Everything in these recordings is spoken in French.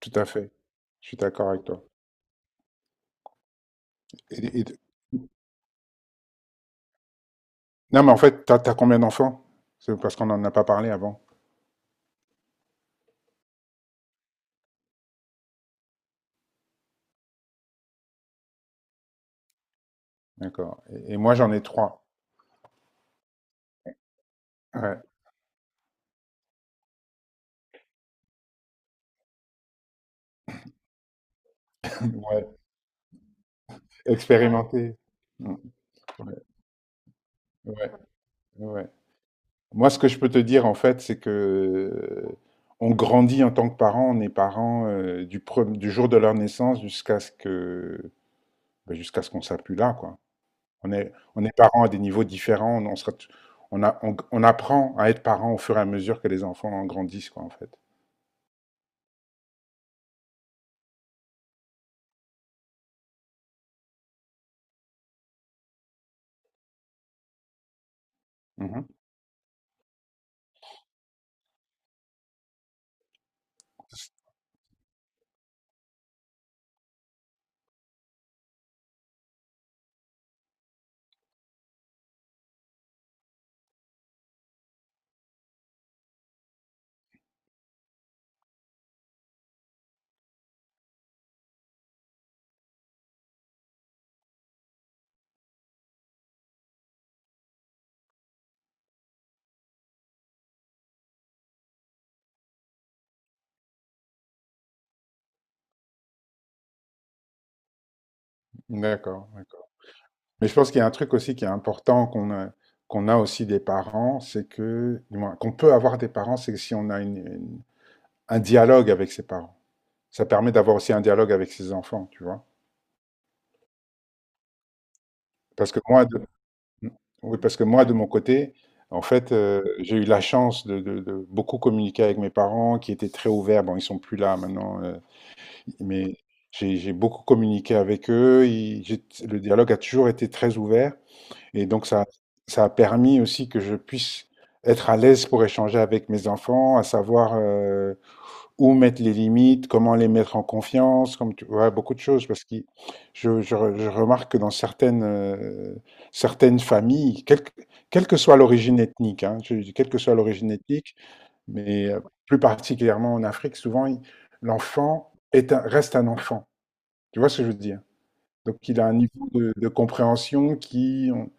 Tout à fait. Je suis d'accord avec toi. Et- et- non, mais en fait, t'as combien d'enfants? C'est parce qu'on n'en a pas parlé avant. D'accord. Et moi, j'en ai trois. Ouais. Ouais. Expérimenté. Mm. Ouais. Ouais. Ouais. Moi, ce que je peux te dire, en fait, c'est que on grandit en tant que parents, on est parents du jour de leur naissance jusqu'à ce que, ben, jusqu'à ce qu'on s'appuie là, quoi. On est parents à des niveaux différents. On sera t- on a- on- on apprend à être parent au fur et à mesure que les enfants en grandissent, quoi, en fait. Mhm. D'accord, d'accord. Mais je pense qu'il y a un truc aussi qui est important qu'on a aussi des parents, c'est que, du moins, qu'on peut avoir des parents, c'est que si on a un dialogue avec ses parents. Ça permet d'avoir aussi un dialogue avec ses enfants, tu vois. Parce que moi, de, mmh, Oui, parce que moi, de mon côté, en fait, j'ai eu la chance de beaucoup communiquer avec mes parents qui étaient très ouverts. Bon, ils sont plus là maintenant. Mais j'ai beaucoup communiqué avec eux, le dialogue a toujours été très ouvert et donc ça a permis aussi que je puisse être à l'aise pour échanger avec mes enfants, à savoir où mettre les limites, comment les mettre en confiance, comme tu vois, beaucoup de choses parce que je remarque que dans certaines, certaines familles, quelle que soit l'origine ethnique, hein, je dis quelle que soit l'origine ethnique, mais plus particulièrement en Afrique, souvent l'enfant reste un enfant. Tu vois ce que je veux dire? Donc il a un niveau de compréhension qui, on-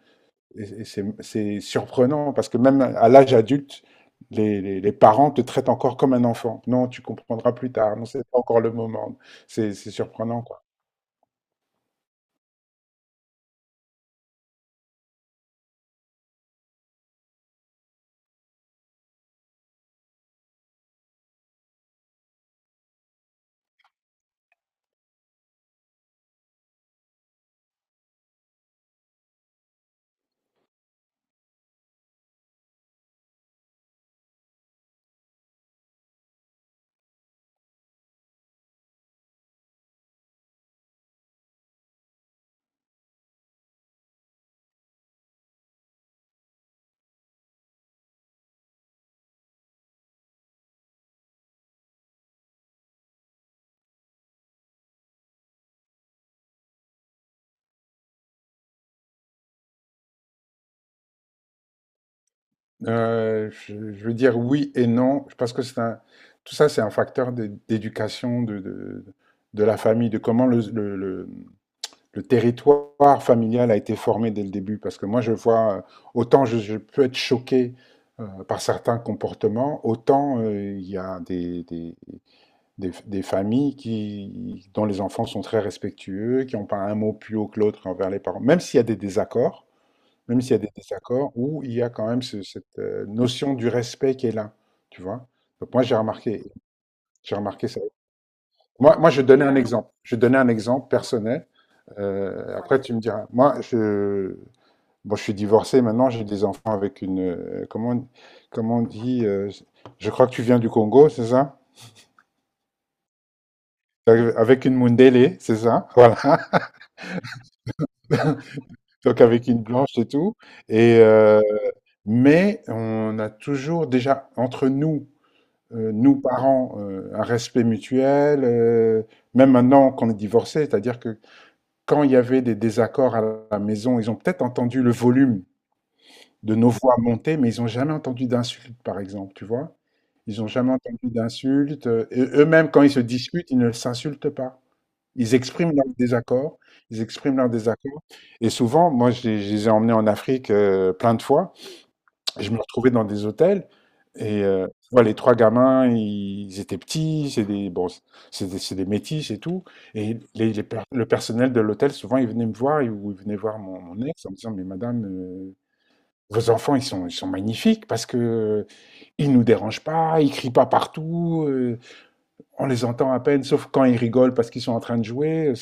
et- et c'est surprenant parce que même à l'âge adulte, les parents te traitent encore comme un enfant. Non, tu comprendras plus tard. Non, c'est pas encore le moment. C'est surprenant, quoi. Je veux dire oui et non. Je pense que tout ça, c'est un facteur d'éducation de la famille, de comment le territoire familial a été formé dès le début. Parce que moi, je vois, autant je peux être choqué par certains comportements, autant il y a des familles qui, dont les enfants sont très respectueux, qui n'ont pas un mot plus haut que l'autre envers les parents, même s'il y a des désaccords, même s'il y a des désaccords, où il y a quand même cette notion du respect qui est là, tu vois. Donc moi, j'ai remarqué ça. Moi, je donnais un exemple. Je donnais un exemple personnel. Après tu me diras. Moi, je bon, je suis divorcé maintenant, j'ai des enfants avec une, comment on dit? Je crois que tu viens du Congo, c'est ça? Avec une Mundélé, c'est ça? Voilà, donc avec une blanche et tout et mais on a toujours déjà entre nous, nous parents, un respect mutuel, même maintenant qu'on est divorcés, c'est-à-dire que quand il y avait des désaccords à la maison, ils ont peut-être entendu le volume de nos voix monter, mais ils ont jamais entendu d'insultes, par exemple, tu vois? Ils ont jamais entendu d'insultes. Et eux-mêmes, quand ils se disputent, ils ne s'insultent pas. Ils expriment leur désaccord. Ils expriment leur désaccord. Et souvent, moi, je les ai emmenés en Afrique plein de fois. Je me retrouvais dans des hôtels et tu vois, les trois gamins, ils étaient petits, bon, c'est des métis et tout. Et le personnel de l'hôtel, souvent, ils venaient me voir, ou ils venaient voir mon ex en me disant, mais madame, vos enfants, ils sont magnifiques parce que ils nous dérangent pas, ils crient pas partout, on les entend à peine, sauf quand ils rigolent parce qu'ils sont en train de jouer.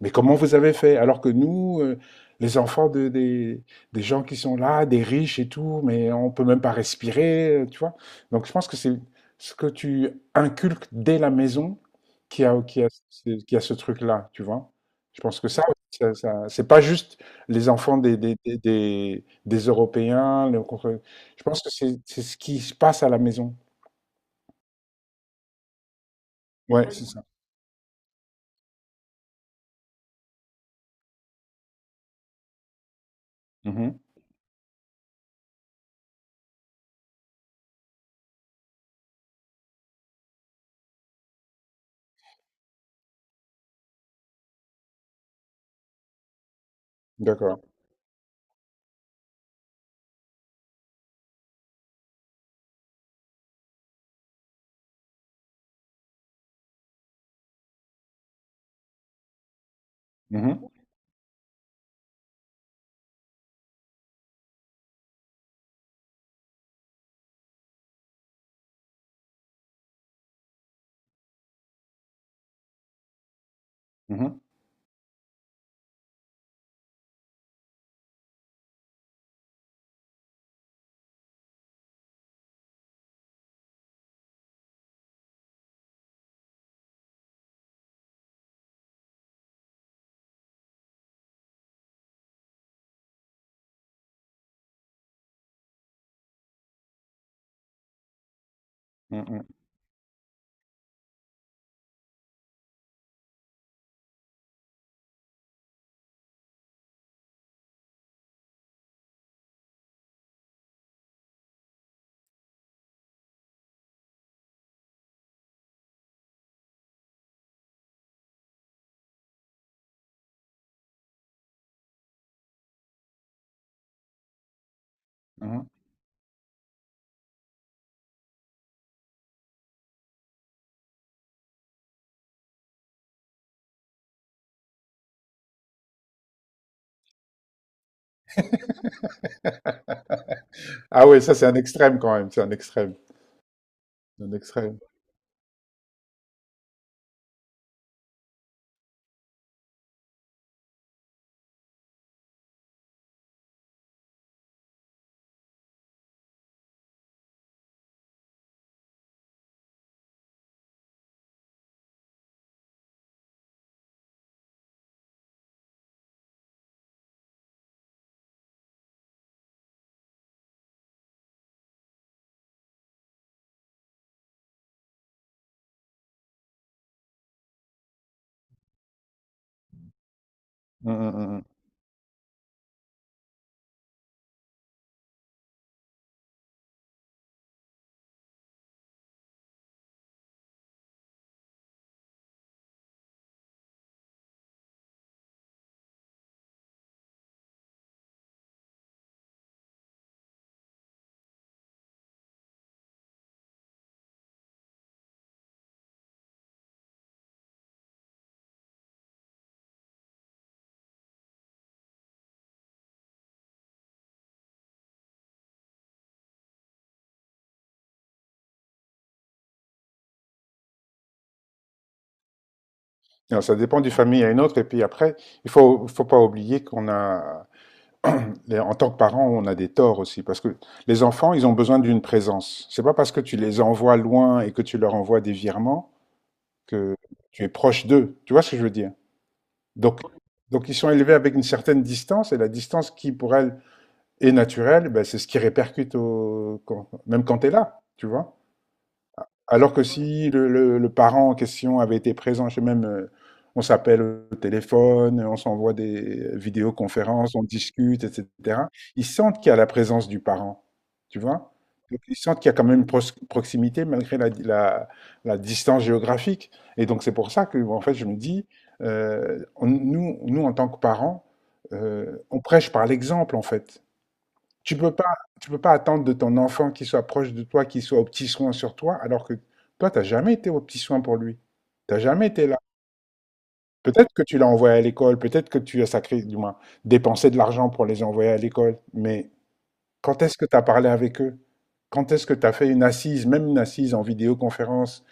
Mais comment vous avez fait? Alors que nous, les enfants des gens qui sont là, des riches et tout, mais on peut même pas respirer, tu vois. Donc je pense que c'est ce que tu inculques dès la maison qui a ce truc-là, tu vois. Je pense que ça, c'est pas juste les enfants des Européens. Je pense que c'est ce qui se passe à la maison. Ouais, c'est ça. Mhm. D'accord. Mhm. Mhm, mhm, mhm. Ah oui, ça c'est un extrême quand même, c'est un extrême, un extrême. Mm, mm, mm, mm. Non, ça dépend d'une famille à une autre, et puis après, faut pas oublier qu'on a, en tant que parents, on a des torts aussi, parce que les enfants, ils ont besoin d'une présence. C'est pas parce que tu les envoies loin et que tu leur envoies des virements que tu es proche d'eux. Tu vois ce que je veux dire? Donc, donc, ils sont élevés avec une certaine distance, et la distance qui, pour elles, et naturel, ben, c'est ce qui répercute au, même quand tu es là, tu vois. Alors que si le parent en question avait été présent, je sais même, on s'appelle au téléphone, on s'envoie des vidéoconférences, on discute, etc. Ils sentent qu'il y a la présence du parent, tu vois. Donc, ils sentent qu'il y a quand même une proximité malgré la distance géographique. Et donc c'est pour ça que, en fait, je me dis, nous, en tant que parents, on prêche par l'exemple, en fait. Tu peux pas, tu peux pas attendre de ton enfant qu'il soit proche de toi, qu'il soit au petit soin sur toi, alors que toi, t'as jamais été au petit soin pour lui. T'as jamais été là. Peut-être que tu l'as envoyé à l'école, peut-être que tu as sacré, du moins, dépensé de l'argent pour les envoyer à l'école, mais quand est-ce que tu as parlé avec eux? Quand est-ce que tu as fait une assise, même une assise en vidéoconférence?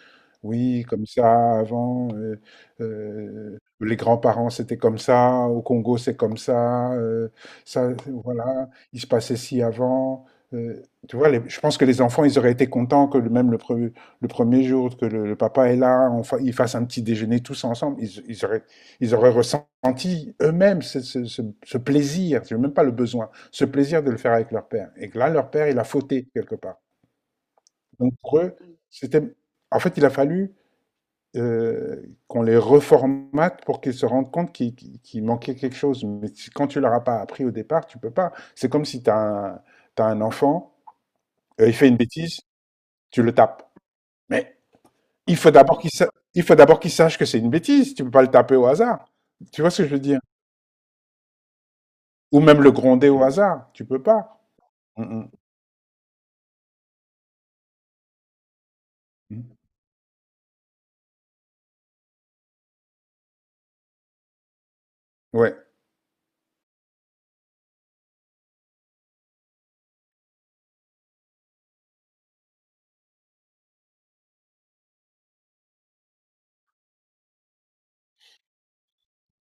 Oui, comme ça, avant, les grands-parents, c'était comme ça, au Congo, c'est comme ça, ça, voilà, il se passait ci avant. Euh, Tu vois, je pense que les enfants, ils auraient été contents que même le premier jour, que le papa est là, ils fassent un petit déjeuner tous ensemble. Ils auraient ressenti eux-mêmes ce plaisir, c'est même pas le besoin ce plaisir de le faire avec leur père. Et que là, leur père, il a fauté quelque part. Donc pour eux, c'était. En fait, il a fallu qu'on les reformate pour qu'ils se rendent compte qu'il manquait quelque chose. Mais quand tu leur as pas appris au départ, tu peux pas. C'est comme si tu as, un t'as un enfant, il fait une bêtise, tu le tapes. Mais il faut d'abord qu'il sa- il faut d'abord qu'il sache que c'est une bêtise. Tu peux pas le taper au hasard. Tu vois ce que je veux dire? Ou même le gronder au hasard. Tu peux pas. Mm, mm, mm. Ouais.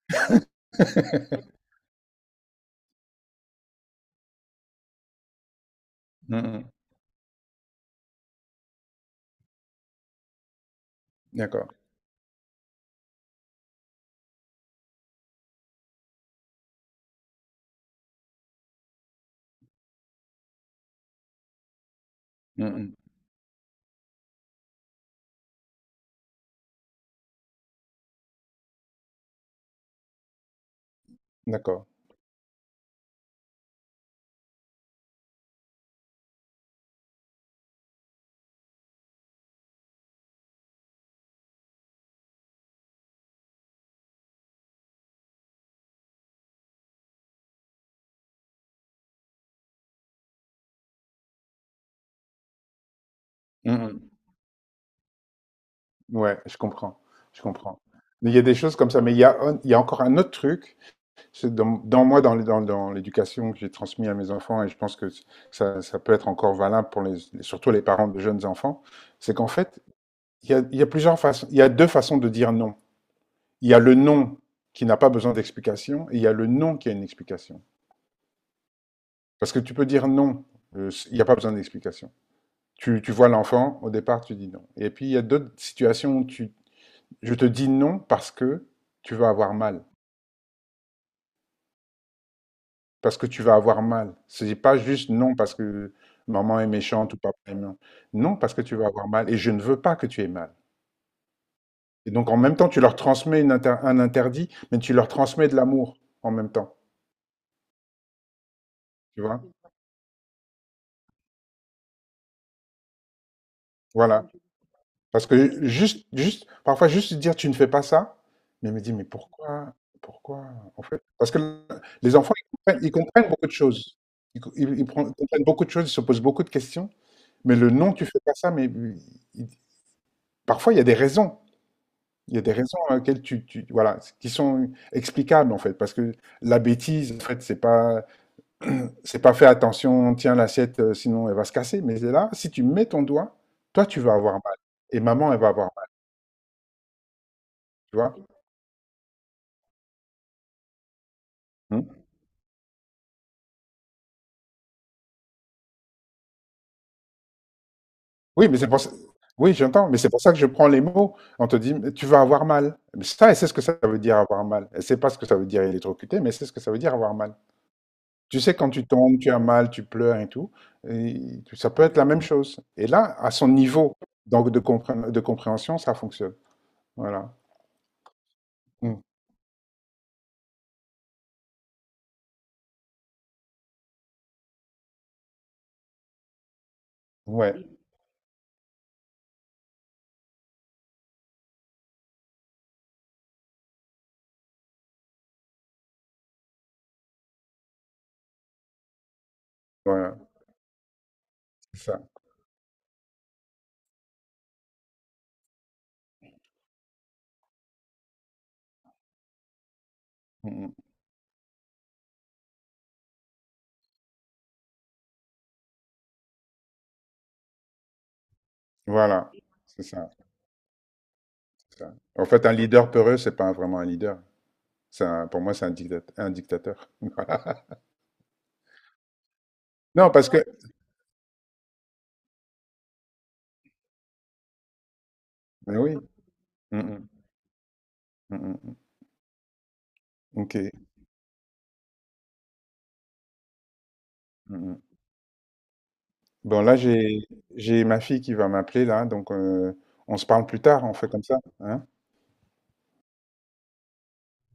Mm, mm. D'accord. Mmh mh. D'accord. Mmh mh. Ouais, je comprends, je comprends. Mais il y a des choses comme ça, mais il y a encore un autre truc, c'est dans moi, dans le dans dans l'éducation que j'ai transmis à mes enfants et je pense que ça peut être encore valable pour les surtout les parents de jeunes enfants, c'est qu'en fait, il y a 2 façons de dire non. Il y a le «non» qui n'a pas besoin d'explication et il y a le «non» qui a une explication. Parce que tu peux dire «non», il n'y a pas besoin d'explication. Tu vois l'enfant, au départ, tu dis «non» et puis il y a d'autres situations où tu Je te dis non parce que tu vas avoir mal. Parce que tu vas avoir mal. Ce n'est pas juste non parce que maman est méchante ou papa est méchant. Non parce que tu vas avoir mal et je ne veux pas que tu aies mal. Et donc en même temps, tu leur transmets un interdit, mais tu leur transmets de l'amour en même temps. Tu vois? Voilà. Parce que juste, juste, parfois juste dire tu ne fais pas ça, mais elle me dit mais pourquoi? Pourquoi? En fait, parce que les enfants, ils comprennent beaucoup de choses. Ils comprennent beaucoup de choses, ils se posent beaucoup de questions. Mais le non, tu fais pas ça, mais il- parfois il y a des raisons. Il y a des raisons à laquelle voilà, qui sont explicables en fait, parce que la bêtise, en fait, c'est pas, fait attention, tiens l'assiette, sinon elle va se casser. Mais là, si tu mets ton doigt, toi tu vas avoir mal, et maman elle va avoir mal, tu vois. Hmm. Oui, mais c'est pour ça. Oui, j'entends, mais c'est pour ça que je prends les mots. On te dit, mais tu vas avoir mal. Mais ça, elle sait ce que ça veut dire avoir mal. Elle sait pas ce que ça veut dire électrocuté, mais elle sait ce que ça veut dire avoir mal. Tu sais, quand tu tombes, tu as mal, tu pleures et tout, et ça peut être la même chose. Et là, à son niveau donc de compréhension, ça fonctionne. Voilà. Mm. Ouais, voilà, c'est ça. Mm, mm. Voilà, c'est ça, c'est ça. En fait, un leader peureux, c'est pas vraiment un leader. Pour moi, c'est un dictateur. Voilà. Non, parce que... Mais oui. Mm, mm, mm, mm, mm. Ok. Mm, mm. Bon, là, j'ai ma fille qui va m'appeler, là, donc on se parle plus tard, on fait comme ça. Hein.